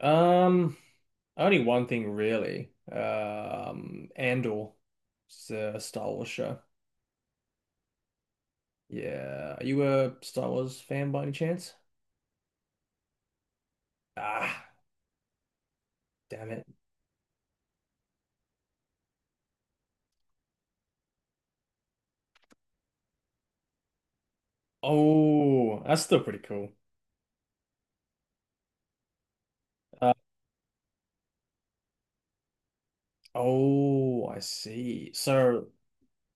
Um, Only one thing really. Andor, it's a Star Wars show. Yeah, are you a Star Wars fan by any chance? Ah, damn it. Oh, that's still pretty cool. Uh, oh, I see. So,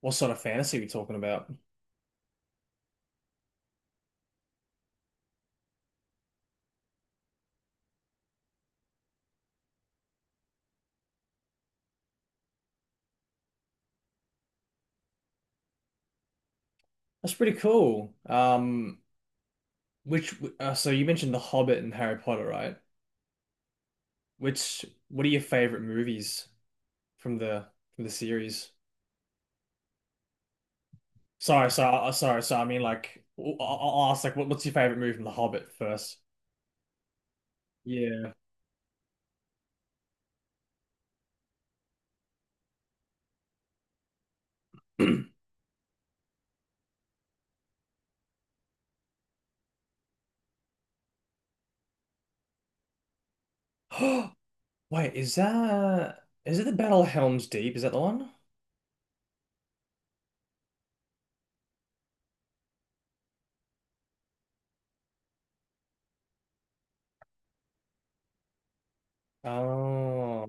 what sort of fantasy are we talking about? That's pretty cool. Which so you mentioned The Hobbit and Harry Potter, right? Which what are your favorite movies from the from the series? Sorry, sorry, sorry, sorry, so I mean, like, I'll ask, like, what's your favorite movie from The Hobbit first? Yeah. Wait, is it the Battle of Helm's Deep? Is that the one? Oh,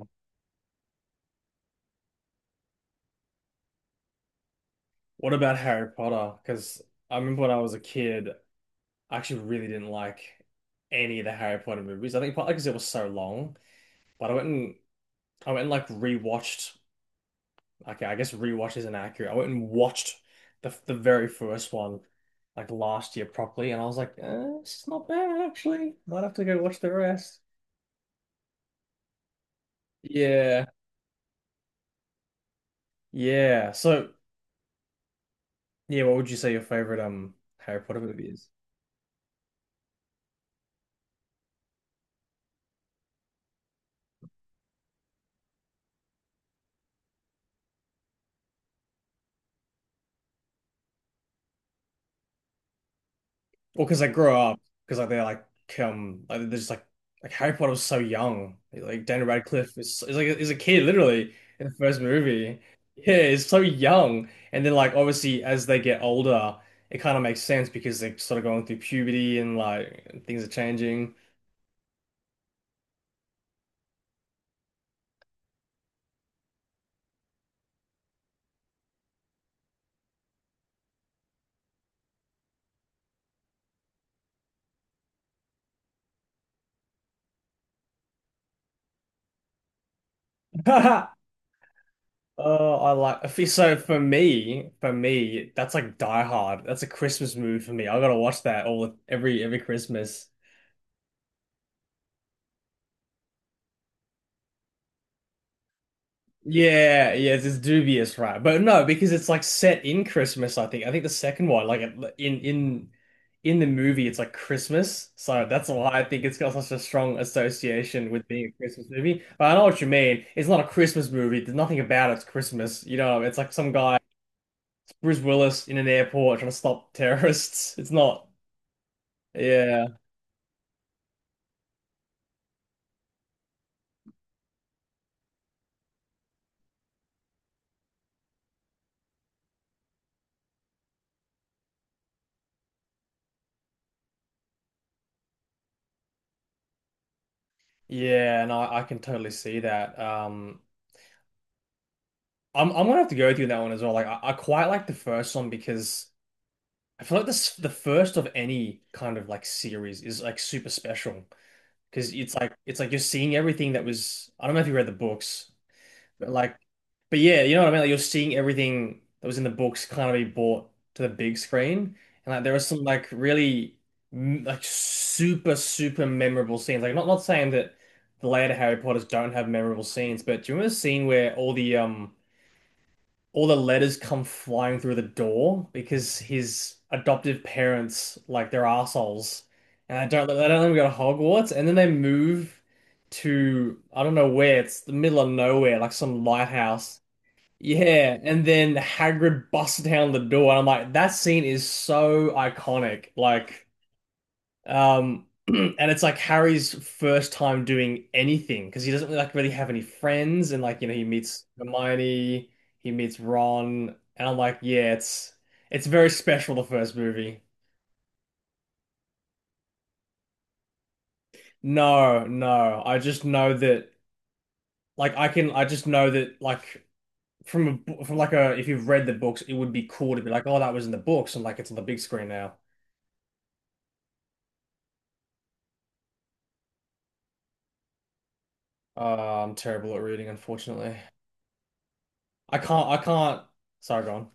what about Harry Potter? Because I remember when I was a kid, I actually really didn't like any of the Harry Potter movies. I think partly because it was so long, but I went and like rewatched. Okay, I guess rewatch is inaccurate. I went and watched the very first one like last year properly, and I was like, eh, it's not bad actually. Might have to go watch the rest. Yeah, yeah. So, yeah, what would you say your favorite Harry Potter movie is? Well, because I grew up, because like they're just like Harry Potter was so young. Like Daniel Radcliffe is like is a kid literally in the first movie. Yeah, he's so young, and then like obviously as they get older, it kind of makes sense because they're sort of going through puberty and like things are changing. Oh, I like if you- so for me, that's like Die Hard. That's a Christmas movie for me. I gotta watch that all every Christmas. Yeah, yeah, it's dubious, right? But no, because it's like set in Christmas, I think. I think the second one, like it- like, in the movie, it's like Christmas. So that's why I think it's got such a strong association with being a Christmas movie. But I know what you mean. It's not a Christmas movie. There's nothing about it's Christmas. You know, it's like some guy, it's Bruce Willis in an airport trying to stop terrorists. It's not. Yeah. Yeah, and I can totally see that. I'm gonna have to go with you on that one as well. Like I quite like the first one because I feel like this the first of any kind of like series is like super special because it's like you're seeing everything that was I don't know if you read the books, but like but yeah, you know what I mean? Like you're seeing everything that was in the books kind of be brought to the big screen. And like there are some like really like super memorable scenes. Like not saying that the later Harry Potters don't have memorable scenes, but do you remember the scene where all the letters come flying through the door because his adoptive parents like they're assholes, and I don't they don't let him go to Hogwarts, and then they move to I don't know where it's the middle of nowhere like some lighthouse. Yeah, and then Hagrid busts down the door, and I'm like, that scene is so iconic. Like, and it's like Harry's first time doing anything because he doesn't really, like really have any friends, and like you know he meets Hermione, he meets Ron, and I'm like, yeah, it's very special the first movie. No, no, I just know that like I just know that like from like a if you've read the books, it would be cool to be like, oh, that was in the books, and like it's on the big screen now. I'm terrible at reading, unfortunately. I can't. Sorry, go on.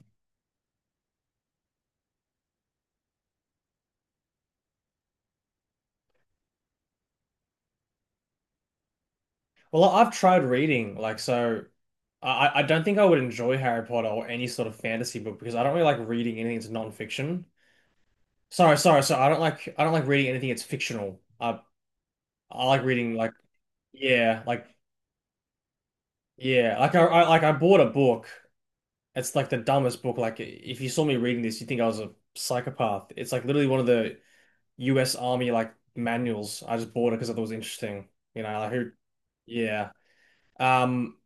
Well, I've tried reading, like, so I don't think I would enjoy Harry Potter or any sort of fantasy book because I don't really like reading anything that's non-fiction. Sorry, sorry, so I don't like reading anything that's fictional. I like reading like yeah, like yeah, like I bought a book. It's like the dumbest book. Like if you saw me reading this, you'd think I was a psychopath. It's like literally one of the U.S. Army like manuals. I just bought it because I thought it was interesting. You know, like who? Yeah. Um,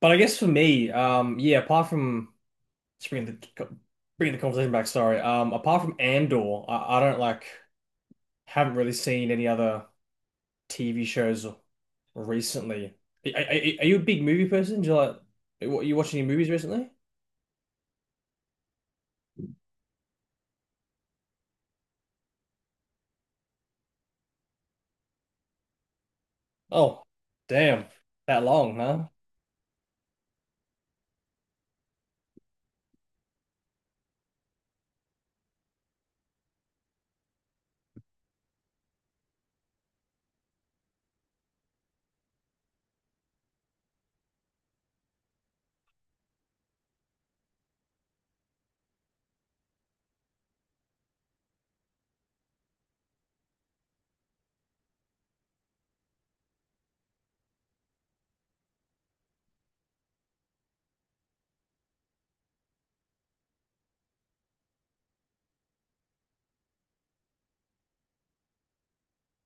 But I guess for me, yeah, apart from just bringing the conversation back, sorry. Apart from Andor, I don't like haven't really seen any other TV shows recently. Are you a big movie person? Do you like what you watch any movies recently? Oh, damn, that long, huh?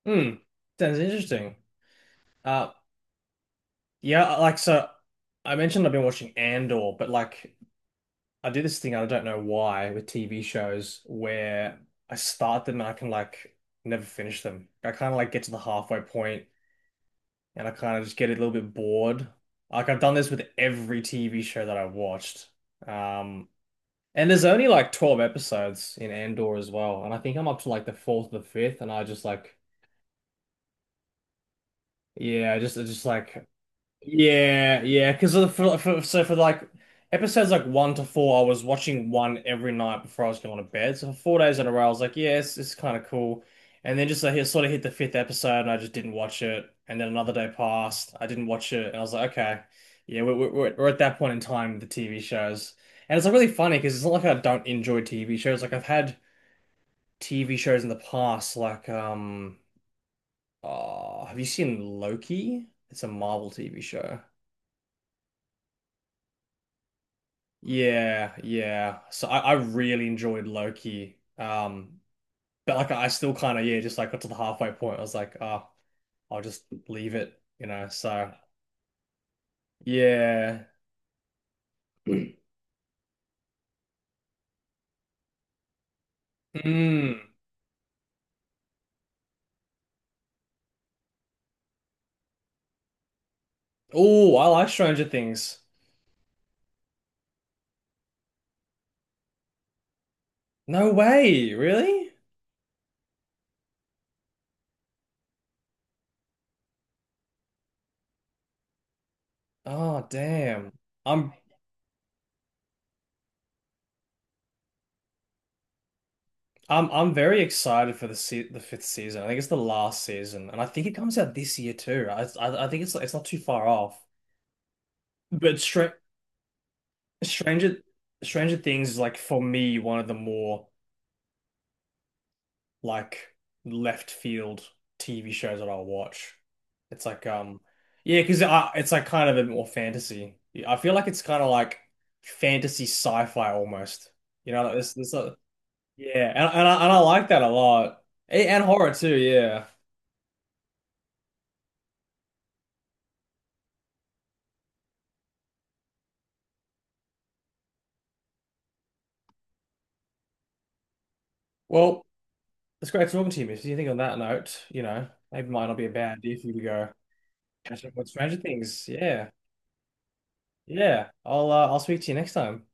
Hmm, sounds interesting. Uh, yeah, like so, I mentioned I've been watching Andor, but like I do this thing, I don't know why, with TV shows where I start them and I can like never finish them. I kind of like get to the halfway point and I kind of just get a little bit bored. Like I've done this with every TV show that I've watched. Um, and there's only like 12 episodes in Andor as well. And I think I'm up to like the fourth or the fifth and yeah, I just like, yeah, yeah, because for like episodes like one to four, I was watching one every night before I was going to bed. So for 4 days in a row, I was like, yeah, it's kind of cool. And then just like it sort of hit the fifth episode, and I just didn't watch it. And then another day passed, I didn't watch it, and I was like, okay, yeah, we're at that point in time with the TV shows, and it's like really funny because it's not like I don't enjoy TV shows. Like I've had TV shows in the past, like oh, have you seen Loki? It's a Marvel TV show. Yeah, yeah. So I really enjoyed Loki. But like I still kind of yeah, just like got to the halfway point. I was like, oh, I'll just leave it, you know. So yeah. Mm. Oh, I like Stranger Things. No way, really? Oh, damn. I'm I'm very excited for the se the fifth season. I think it's the last season, and I think it comes out this year too. I think it's not too far off. But Stranger Stranger Things is like for me one of the more like left field TV shows that I'll watch. It's like yeah, because I it's like kind of a bit more fantasy. I feel like it's kind of like fantasy sci-fi almost. You know, like this yeah, and and I like that a lot. A- And horror too, yeah. Well, it's great talking to you, Missy. You think on that note, you know, maybe it might not be a bad idea for you to go catch up with Stranger Things. Yeah. Yeah. I'll speak to you next time.